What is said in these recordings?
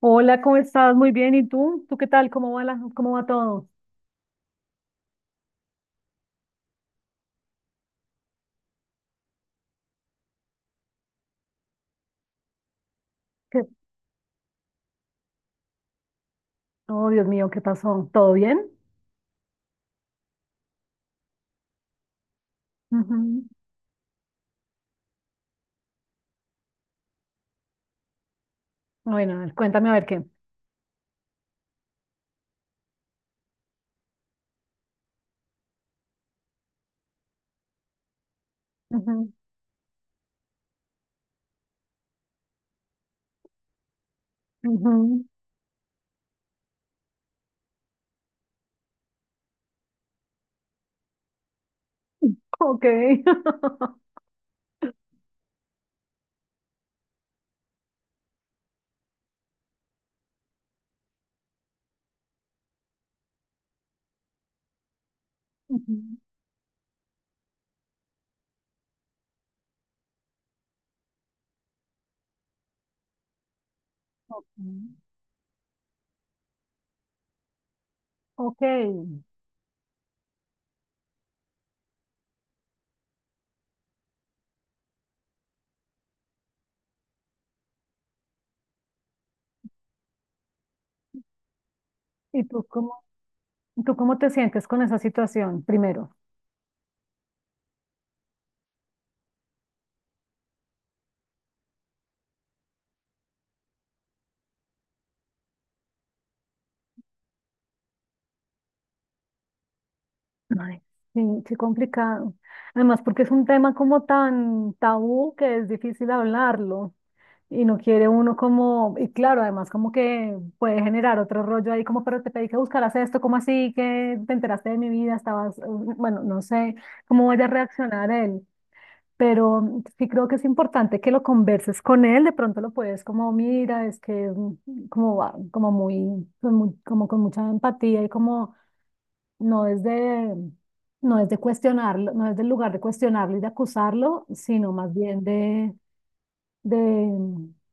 Hola, ¿cómo estás? Muy bien. ¿Y tú? ¿Tú qué tal? ¿Cómo va cómo va todo? ¿Qué- Oh, Dios mío, ¿qué pasó? ¿Todo bien? Ujú. Bueno, a ver, cuéntame a ver qué. Ujú, ujú. Ok. Ujú. Ok. Ok. ¿Y tú tú cómo te sientes con esa situación primero? Ay, sí, qué complicado. Además, porque es un tema como tan tabú que es difícil hablarlo. Y no quiere uno como, y claro, además como que puede generar otro rollo ahí, como, pero te pedí que buscaras esto, ¿cómo así? Que te enteraste de mi vida, estabas, bueno, no sé cómo vaya a reaccionar él, pero sí creo que es importante que lo converses con él, de pronto lo puedes como, mira, es que como, como muy, con como con mucha empatía y como no no es de cuestionarlo, no es del lugar de cuestionarlo y de acusarlo, sino más bien de de,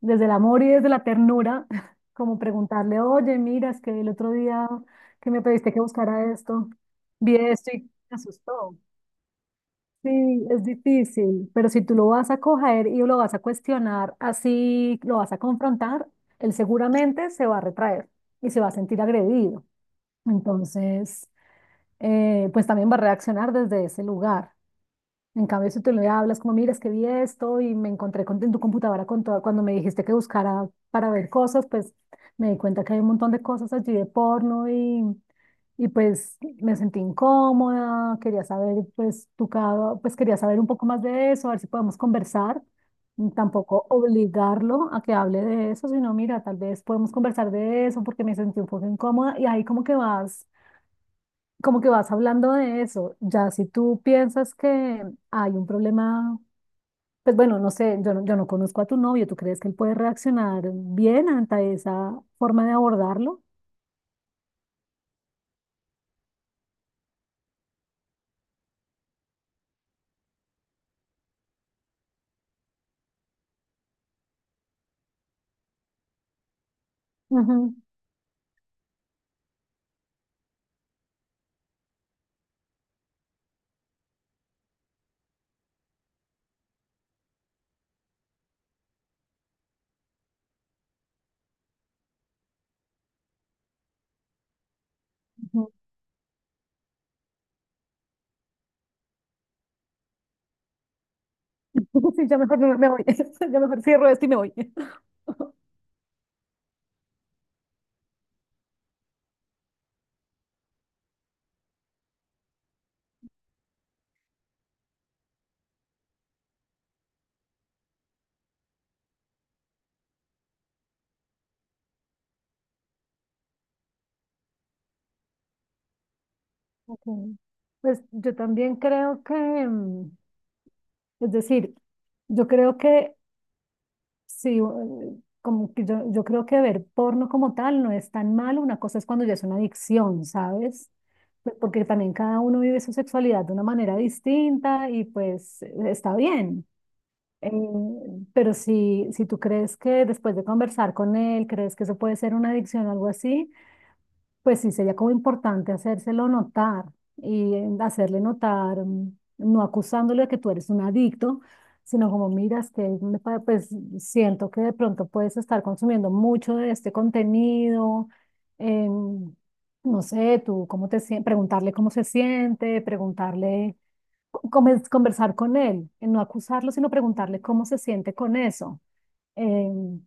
desde el amor y desde la ternura, como preguntarle, oye, mira, es que el otro día que me pediste que buscara esto, vi esto y me asustó. Sí, es difícil, pero si tú lo vas a coger y lo vas a cuestionar, así lo vas a confrontar, él seguramente se va a retraer y se va a sentir agredido. Entonces, pues también va a reaccionar desde ese lugar. En cambio, si tú le hablas como, mira, es que vi esto y me encontré en tu computadora con todo, cuando me dijiste que buscara para ver cosas, pues me di cuenta que hay un montón de cosas allí de porno y pues me sentí incómoda, quería saber, pues pues quería saber un poco más de eso, a ver si podemos conversar, mm, tampoco obligarlo a que hable de eso, sino mira, tal vez podemos conversar de eso porque me sentí un poco incómoda y ahí como que vas hablando de eso, ya si tú piensas que hay un problema, pues bueno, no sé, yo no conozco a tu novio. ¿Tú crees que él puede reaccionar bien ante esa forma de abordarlo? Ujú, ujú. Sí, ya mejor me voy, ya mejor cierro esto y me voy. Ok. Pues yo también creo que, mm, es decir, yo creo que sí. Como que yo creo que ver porno como tal no es tan malo. Una cosa es cuando ya es una adicción, ¿sabes? Pues porque también cada uno vive su sexualidad de una manera distinta y pues está bien. Eh, pero si tú crees que después de conversar con él, crees que eso puede ser una adicción o algo así, pues sí, sería como importante hacérselo notar y hacerle notar, mm, no acusándole de que tú eres un adicto, sino como miras que me pues siento que de pronto puedes estar consumiendo mucho de este contenido, em, no sé, tú cómo te sientes, preguntarle cómo se siente, preguntarle, conversar con él, no acusarlo, sino preguntarle cómo se siente con eso em,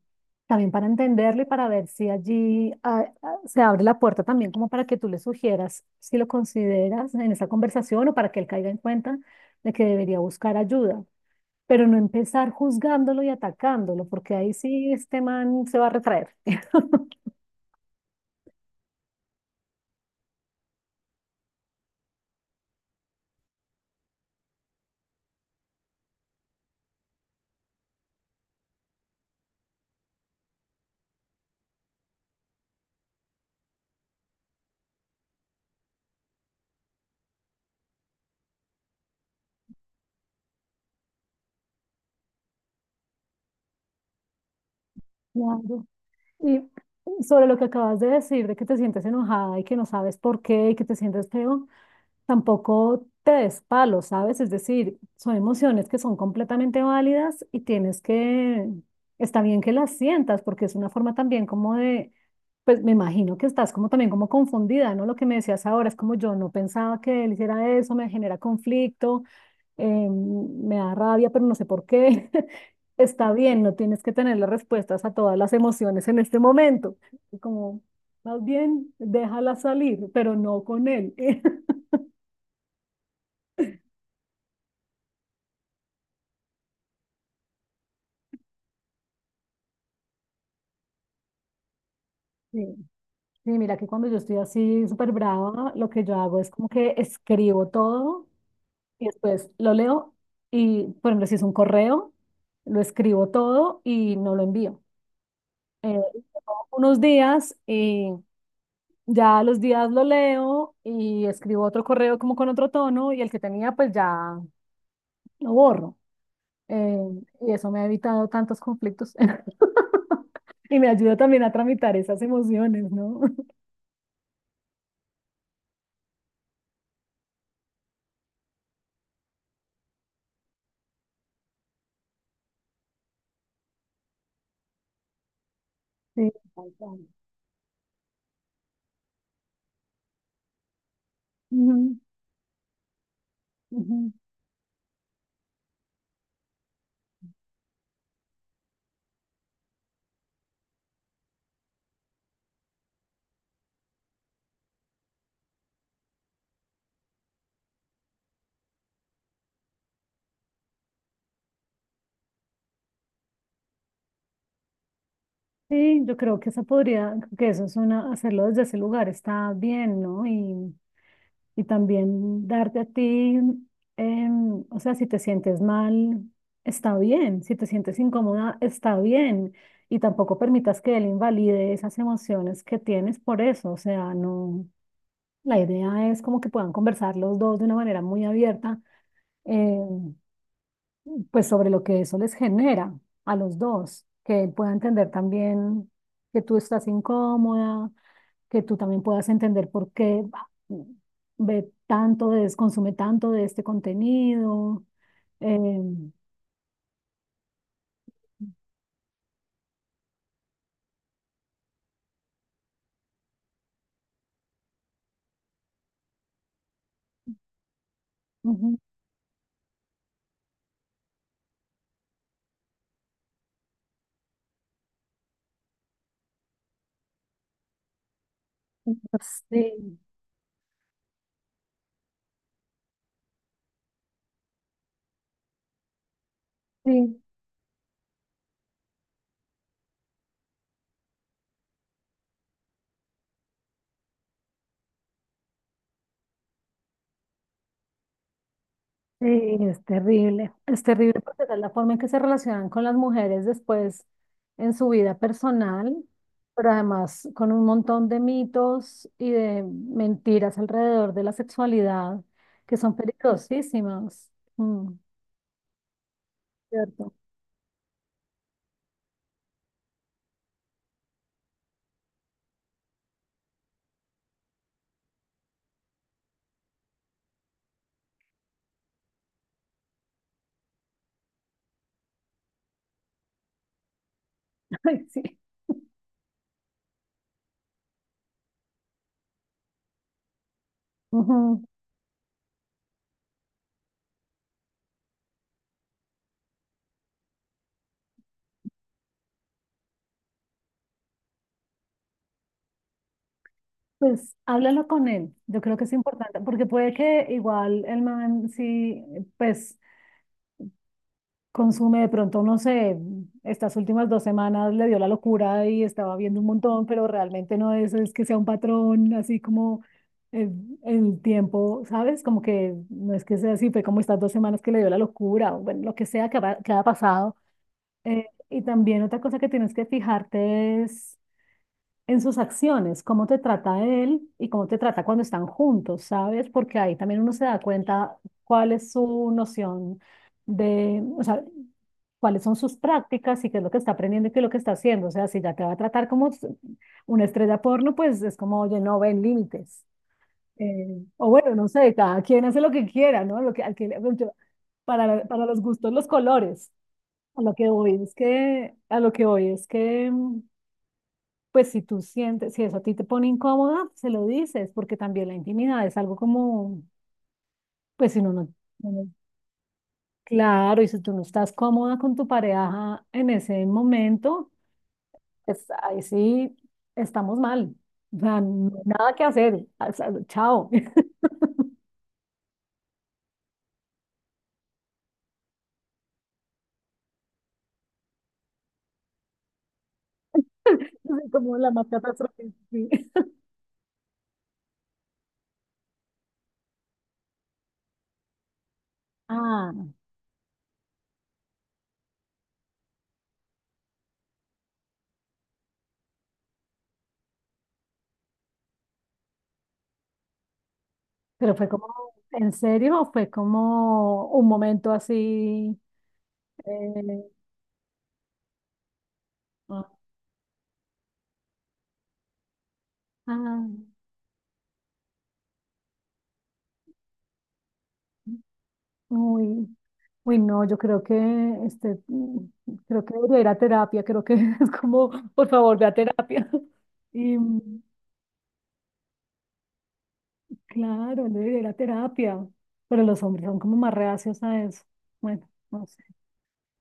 también para entenderlo y para ver si allí se abre la puerta también como para que tú le sugieras si lo consideras en esa conversación o para que él caiga en cuenta de que debería buscar ayuda, pero no empezar juzgándolo y atacándolo, porque ahí sí este man se va a retraer. Claro. Y sobre lo que acabas de decir, de que te sientes enojada y que no sabes por qué y que te sientes feo, tampoco te des palo, ¿sabes? Es decir, son emociones que son completamente válidas y tienes que, está bien que las sientas porque es una forma también como de, pues me imagino que estás como también como confundida, ¿no? Lo que me decías ahora es como yo no pensaba que él hiciera eso, me genera conflicto, me da rabia, pero no sé por qué. Está bien, no tienes que tener las respuestas a todas las emociones en este momento. Como, más bien, déjala salir, pero no con él. Sí. Sí, mira que cuando yo estoy así súper brava, lo que yo hago es como que escribo todo y después lo leo y, por ejemplo, si es un correo, lo escribo todo y no lo envío. Eh, unos días y ya a los días lo leo y escribo otro correo como con otro tono y el que tenía pues ya lo borro. Eh, y eso me ha evitado tantos conflictos y me ayuda también a tramitar esas emociones, ¿no? Sí, tal cual. Ujú, ujú. Sí, yo creo que esa podría, que eso es una, hacerlo desde ese lugar está bien, ¿no? Y también darte a ti, em, o sea, si te sientes mal, está bien, si te sientes incómoda, está bien, y tampoco permitas que él invalide esas emociones que tienes por eso, o sea, no, la idea es como que puedan conversar los dos de una manera muy abierta. Em, pues sobre lo que eso les genera a los dos, que él pueda entender también que tú estás incómoda, que tú también puedas entender por qué ve tanto consume tanto de este contenido. eh, ujú, ujú, sí, sí. Sí, es terrible porque esa es la forma en que se relacionan con las mujeres después en su vida personal, pero además con un montón de mitos y de mentiras alrededor de la sexualidad que son peligrosísimas. Mm, cierto. Ay, sí. Ujú. Pues háblalo con él, yo creo que es importante, porque puede que igual el man sí, pues consume de pronto, no sé, estas últimas dos semanas le dio la locura y estaba viendo un montón, pero realmente no es, es que sea un patrón así como eh, el tiempo, ¿sabes? Como que no es que sea así, fue como estas dos semanas que le dio la locura, o bueno, lo que sea que haya pasado. Y también otra cosa que tienes que fijarte es en sus acciones, cómo te trata él y cómo te trata cuando están juntos, ¿sabes? Porque ahí también uno se da cuenta cuál es su noción de, o sea, cuáles son sus prácticas y qué es lo que está aprendiendo y qué es lo que está haciendo. O sea, si ya te va a tratar como una estrella porno, pues es como, oye, no ven límites. O bueno, no sé, cada quien hace lo que quiera, ¿no? Lo que, al que, para los gustos, los colores. A lo que voy es que, a lo que voy es que mm, pues si tú sientes, si eso a ti te pone incómoda, se lo dices, porque también la intimidad es algo como, pues si uno no- claro, y si tú no estás cómoda con tu pareja en ese momento, pues ahí sí estamos mal. O sea, no hay nada que hacer. O sea, chao. Así como la más catastrófica. Sí. Ah, pero fue como, ¿en serio? ¿O fue como un momento así? eh, ah, ah, uy. Uy, no, yo creo que, este, mm, creo que debería ir a terapia, creo que es como, por favor, ve a terapia. Y mm, claro, él debería ir a terapia, pero los hombres son como más reacios a eso. Bueno, no sé.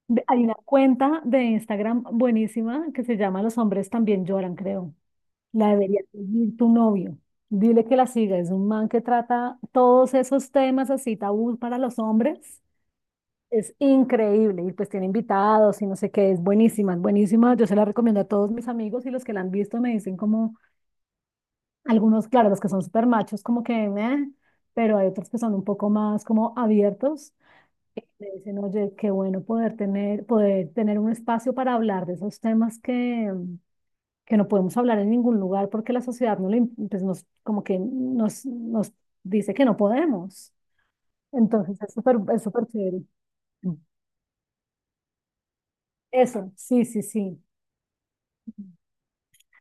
Hay una cuenta de Instagram buenísima que se llama Los hombres también lloran, creo. La debería seguir tu novio. Dile que la siga, es un man que trata todos esos temas así tabú para los hombres. Es increíble y pues tiene invitados y no sé qué, es buenísima, es buenísima. Yo se la recomiendo a todos mis amigos y los que la han visto me dicen como, algunos, claro, los que son súper machos como que, "Meh", pero hay otros que son un poco más como abiertos. Y me dicen, oye, qué bueno poder tener un espacio para hablar de esos temas que no podemos hablar en ningún lugar porque la sociedad no lo pues nos, como que nos dice que no podemos. Entonces es súper chévere. Eso, sí, sí, sí.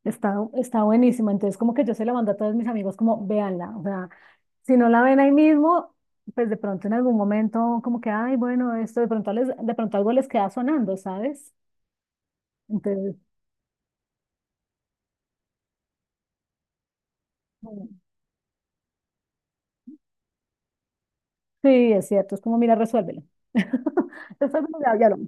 Está, está buenísima. Entonces, como que yo se la mando a todos mis amigos, como véanla. O sea, si no la ven ahí mismo, pues de pronto en algún momento, como que, ay, bueno, esto de pronto, les, de pronto algo les queda sonando, ¿sabes? Entonces, mm, sí, es cierto. Es como, mira, resuélvelo. Después, bueno, ya lo-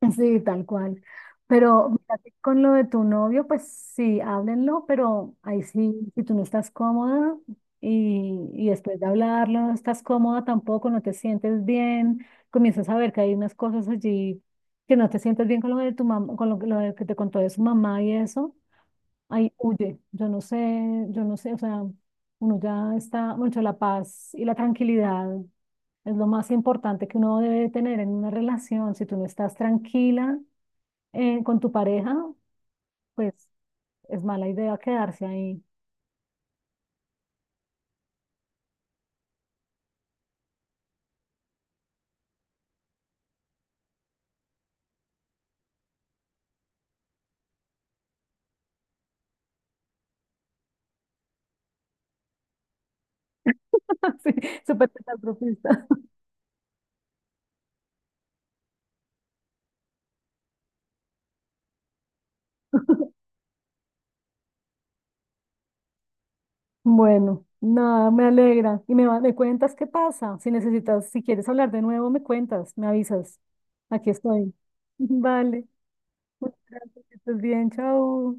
Sí, tal cual. Pero mira que con lo de tu novio, pues sí, háblenlo, pero ahí sí, si tú no estás cómoda y después de hablarlo no estás cómoda tampoco, no te sientes bien, comienzas a ver que hay unas cosas allí que no te sientes bien con lo de tu mamá, lo de que te contó de su mamá y eso, ahí huye. Yo no sé, o sea, uno ya está, mucho la paz y la tranquilidad es lo más importante que uno debe tener en una relación. Si tú no estás tranquila, con tu pareja, pues es mala idea quedarse ahí. Sí, súper catastrofista. Bueno, nada, me alegra. Me cuentas qué pasa. Si necesitas, si quieres hablar de nuevo, me cuentas, me avisas. Aquí estoy. Vale. Muchas gracias. Que estés bien. Chao.